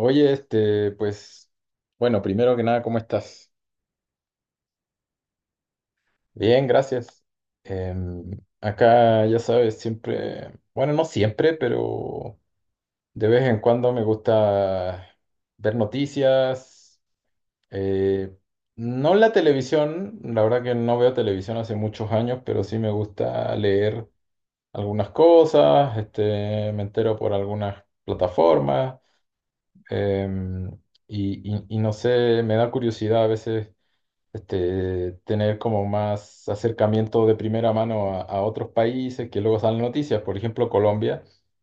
Oye, este, pues, bueno, primero que nada, ¿cómo estás? Bien, gracias. Em, acá, ya sabes, siempre, bueno, no siempre, pero de vez en cuando me gusta ver noticias. eh, no la televisión, la verdad que no veo televisión hace muchos años, pero sí me gusta leer algunas cosas, este, me entero por algunas plataformas, em, y no sé, me da curiosidad a veces este, tener como más acercamiento de primera mano a otros países que luego salen noticias. Por ejemplo, Colombia,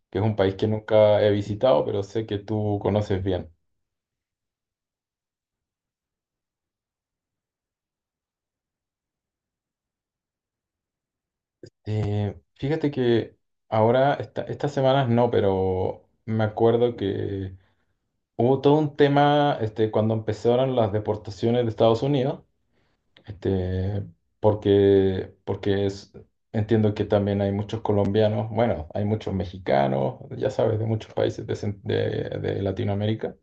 que es un país que nunca he visitado, pero sé que tú conoces bien. Fíjate que ahora, estas semanas no, pero me acuerdo que hubo todo un tema este, cuando empezaron las deportaciones de Estados Unidos. Este, porque es, entiendo que también hay muchos colombianos, bueno, hay muchos mexicanos, ya sabes, de muchos países de, de Latinoamérica.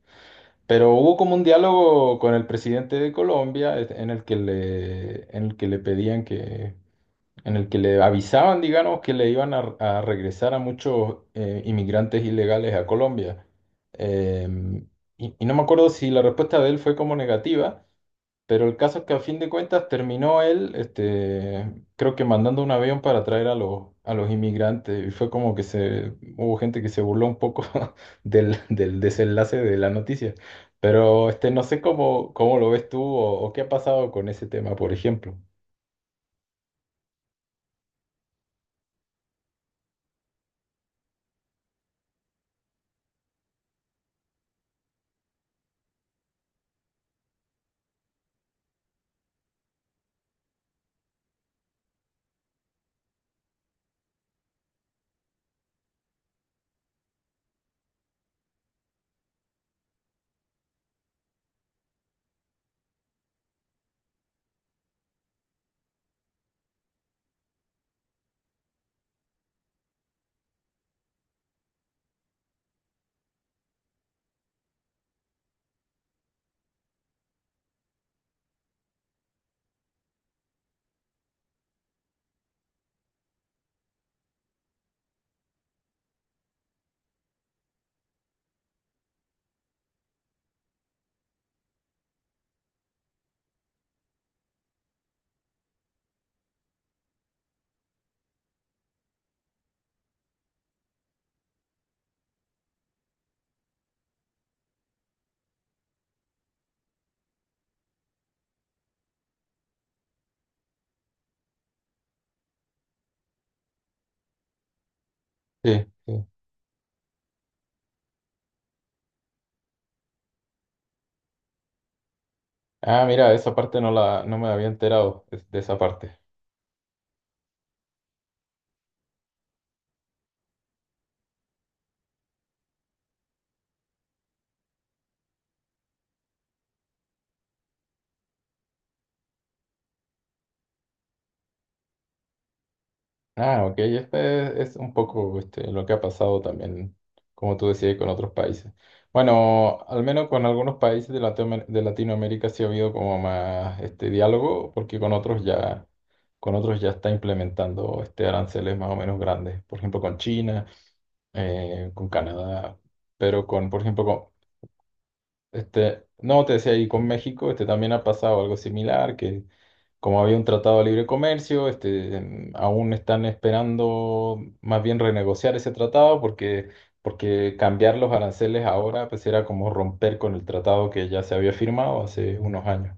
Pero hubo como un diálogo con el presidente de Colombia este, en el que le pedían que, en el que le avisaban, digamos, que le iban a regresar a muchos inmigrantes ilegales a Colombia. Em, y no me acuerdo si la respuesta de él fue como negativa. Pero el caso es que a fin de cuentas terminó él, este, creo que mandando un avión para traer a los inmigrantes. Y fue como que se, hubo gente que se burló un poco del desenlace de la noticia. Pero este, no sé cómo lo ves tú o qué ha pasado con ese tema, por ejemplo. Sí, sí. Ah, mira, esa parte no la, no me había enterado de esa parte. Ah, ok, este es un poco este, lo que ha pasado también, como tú decías, con otros países. Bueno, al menos con algunos países de, de Latinoamérica sí ha habido como más este diálogo, porque con otros ya está implementando este aranceles más o menos grandes. Por ejemplo, con China, con Canadá, pero con, por ejemplo, con, este, no, te decía, y con México este, también ha pasado algo similar, que como había un tratado de libre comercio, este, aún están esperando más bien renegociar ese tratado porque, porque cambiar los aranceles ahora pues era como romper con el tratado que ya se había firmado hace unos años.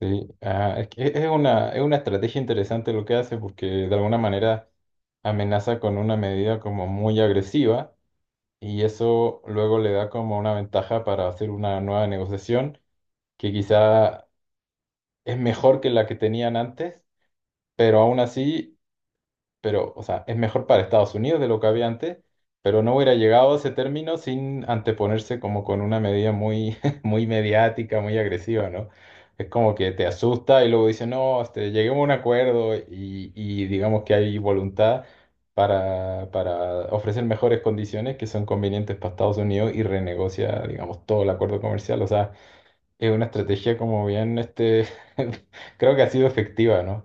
Sí, ah, es una estrategia interesante lo que hace porque de alguna manera amenaza con una medida como muy agresiva y eso luego le da como una ventaja para hacer una nueva negociación que quizá es mejor que la que tenían antes, pero aún así pero, o sea, es mejor para Estados Unidos de lo que había antes, pero no hubiera llegado a ese término sin anteponerse como con una medida muy, muy mediática, muy agresiva, ¿no? Es como que te asusta y luego dice, no, este, lleguemos a un acuerdo y digamos que hay voluntad para ofrecer mejores condiciones que son convenientes para Estados Unidos y renegocia, digamos, todo el acuerdo comercial. O sea, es una estrategia como bien, este, creo que ha sido efectiva, ¿no?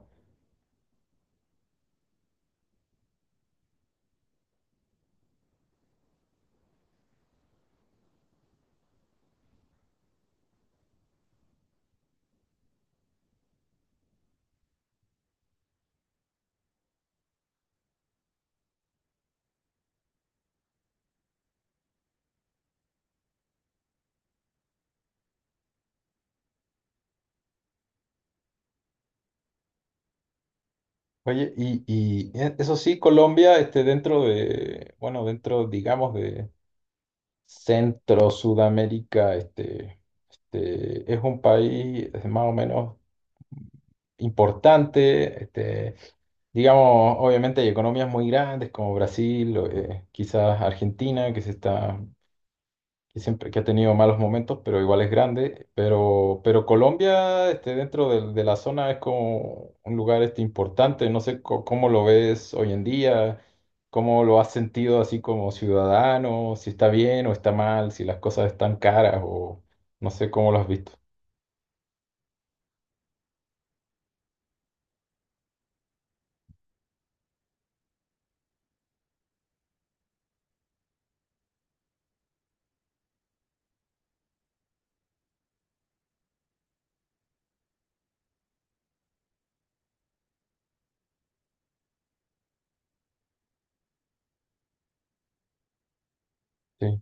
Oye, eso sí, Colombia, este, dentro de, bueno, dentro, digamos, de Centro Sudamérica, este, es un país más o menos importante, este, digamos, obviamente hay economías muy grandes como Brasil, o, quizás Argentina, que se está que siempre que ha tenido malos momentos, pero igual es grande. Pero Colombia, este, dentro de la zona es como un lugar este, importante. No sé cómo lo ves hoy en día, cómo lo has sentido así como ciudadano, si está bien o está mal, si las cosas están caras o no sé cómo lo has visto. Sí,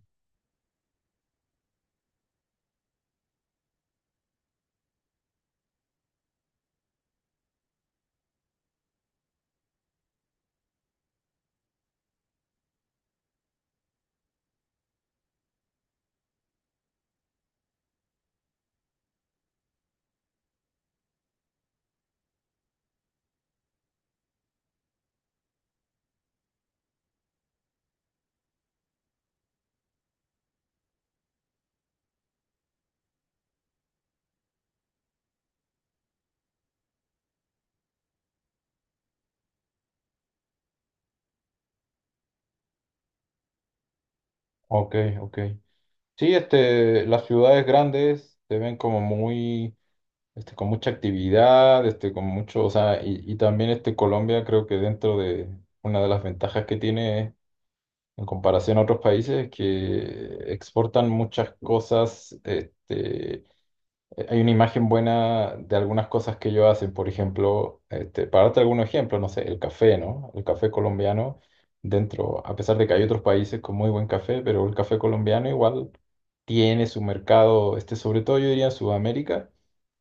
ok, ok. Sí, este, las ciudades grandes se ven como muy este, con mucha actividad, este, con mucho, o sea, y también este Colombia creo que dentro de una de las ventajas que tiene en comparación a otros países es que exportan muchas cosas, este, hay una imagen buena de algunas cosas que ellos hacen, por ejemplo, este, para darte algún ejemplo, no sé, el café, ¿no? El café colombiano, dentro, a pesar de que hay otros países con muy buen café, pero el café colombiano igual tiene su mercado, este, sobre todo yo diría en Sudamérica,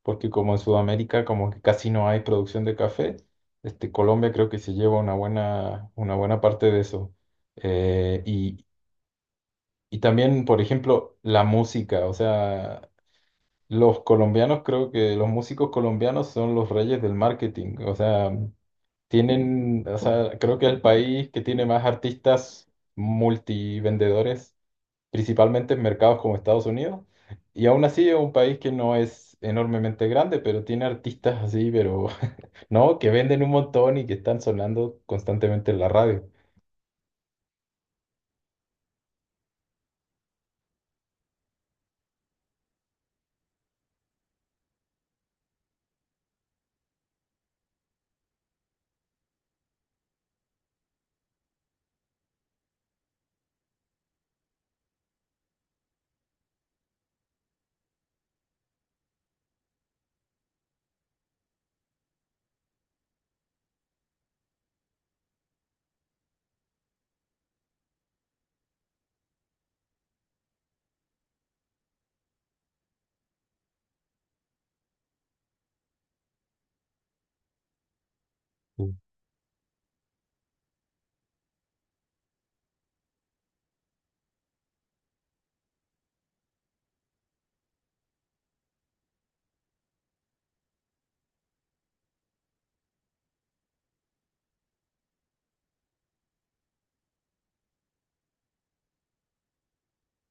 porque como en Sudamérica como que casi no hay producción de café, este, Colombia creo que se lleva una buena parte de eso. Eh, y, y también, por ejemplo, la música, o sea, los colombianos, creo que los músicos colombianos son los reyes del marketing. O sea, tienen, o sea, creo que el país que tiene más artistas multivendedores, principalmente en mercados como Estados Unidos. Y aún así es un país que no es enormemente grande, pero tiene artistas así, pero no, que venden un montón y que están sonando constantemente en la radio.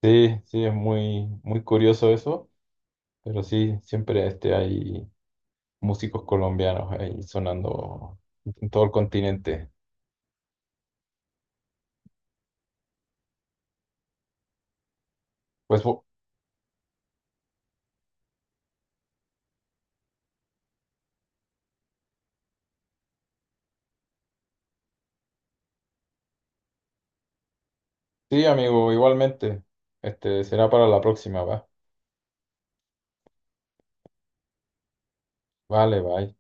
Sí, sí, es muy, muy curioso eso, pero sí, siempre este, hay músicos colombianos ahí sonando en todo el continente. Pues bu- sí, amigo, igualmente. Este será para la próxima, ¿va? Vale, bye.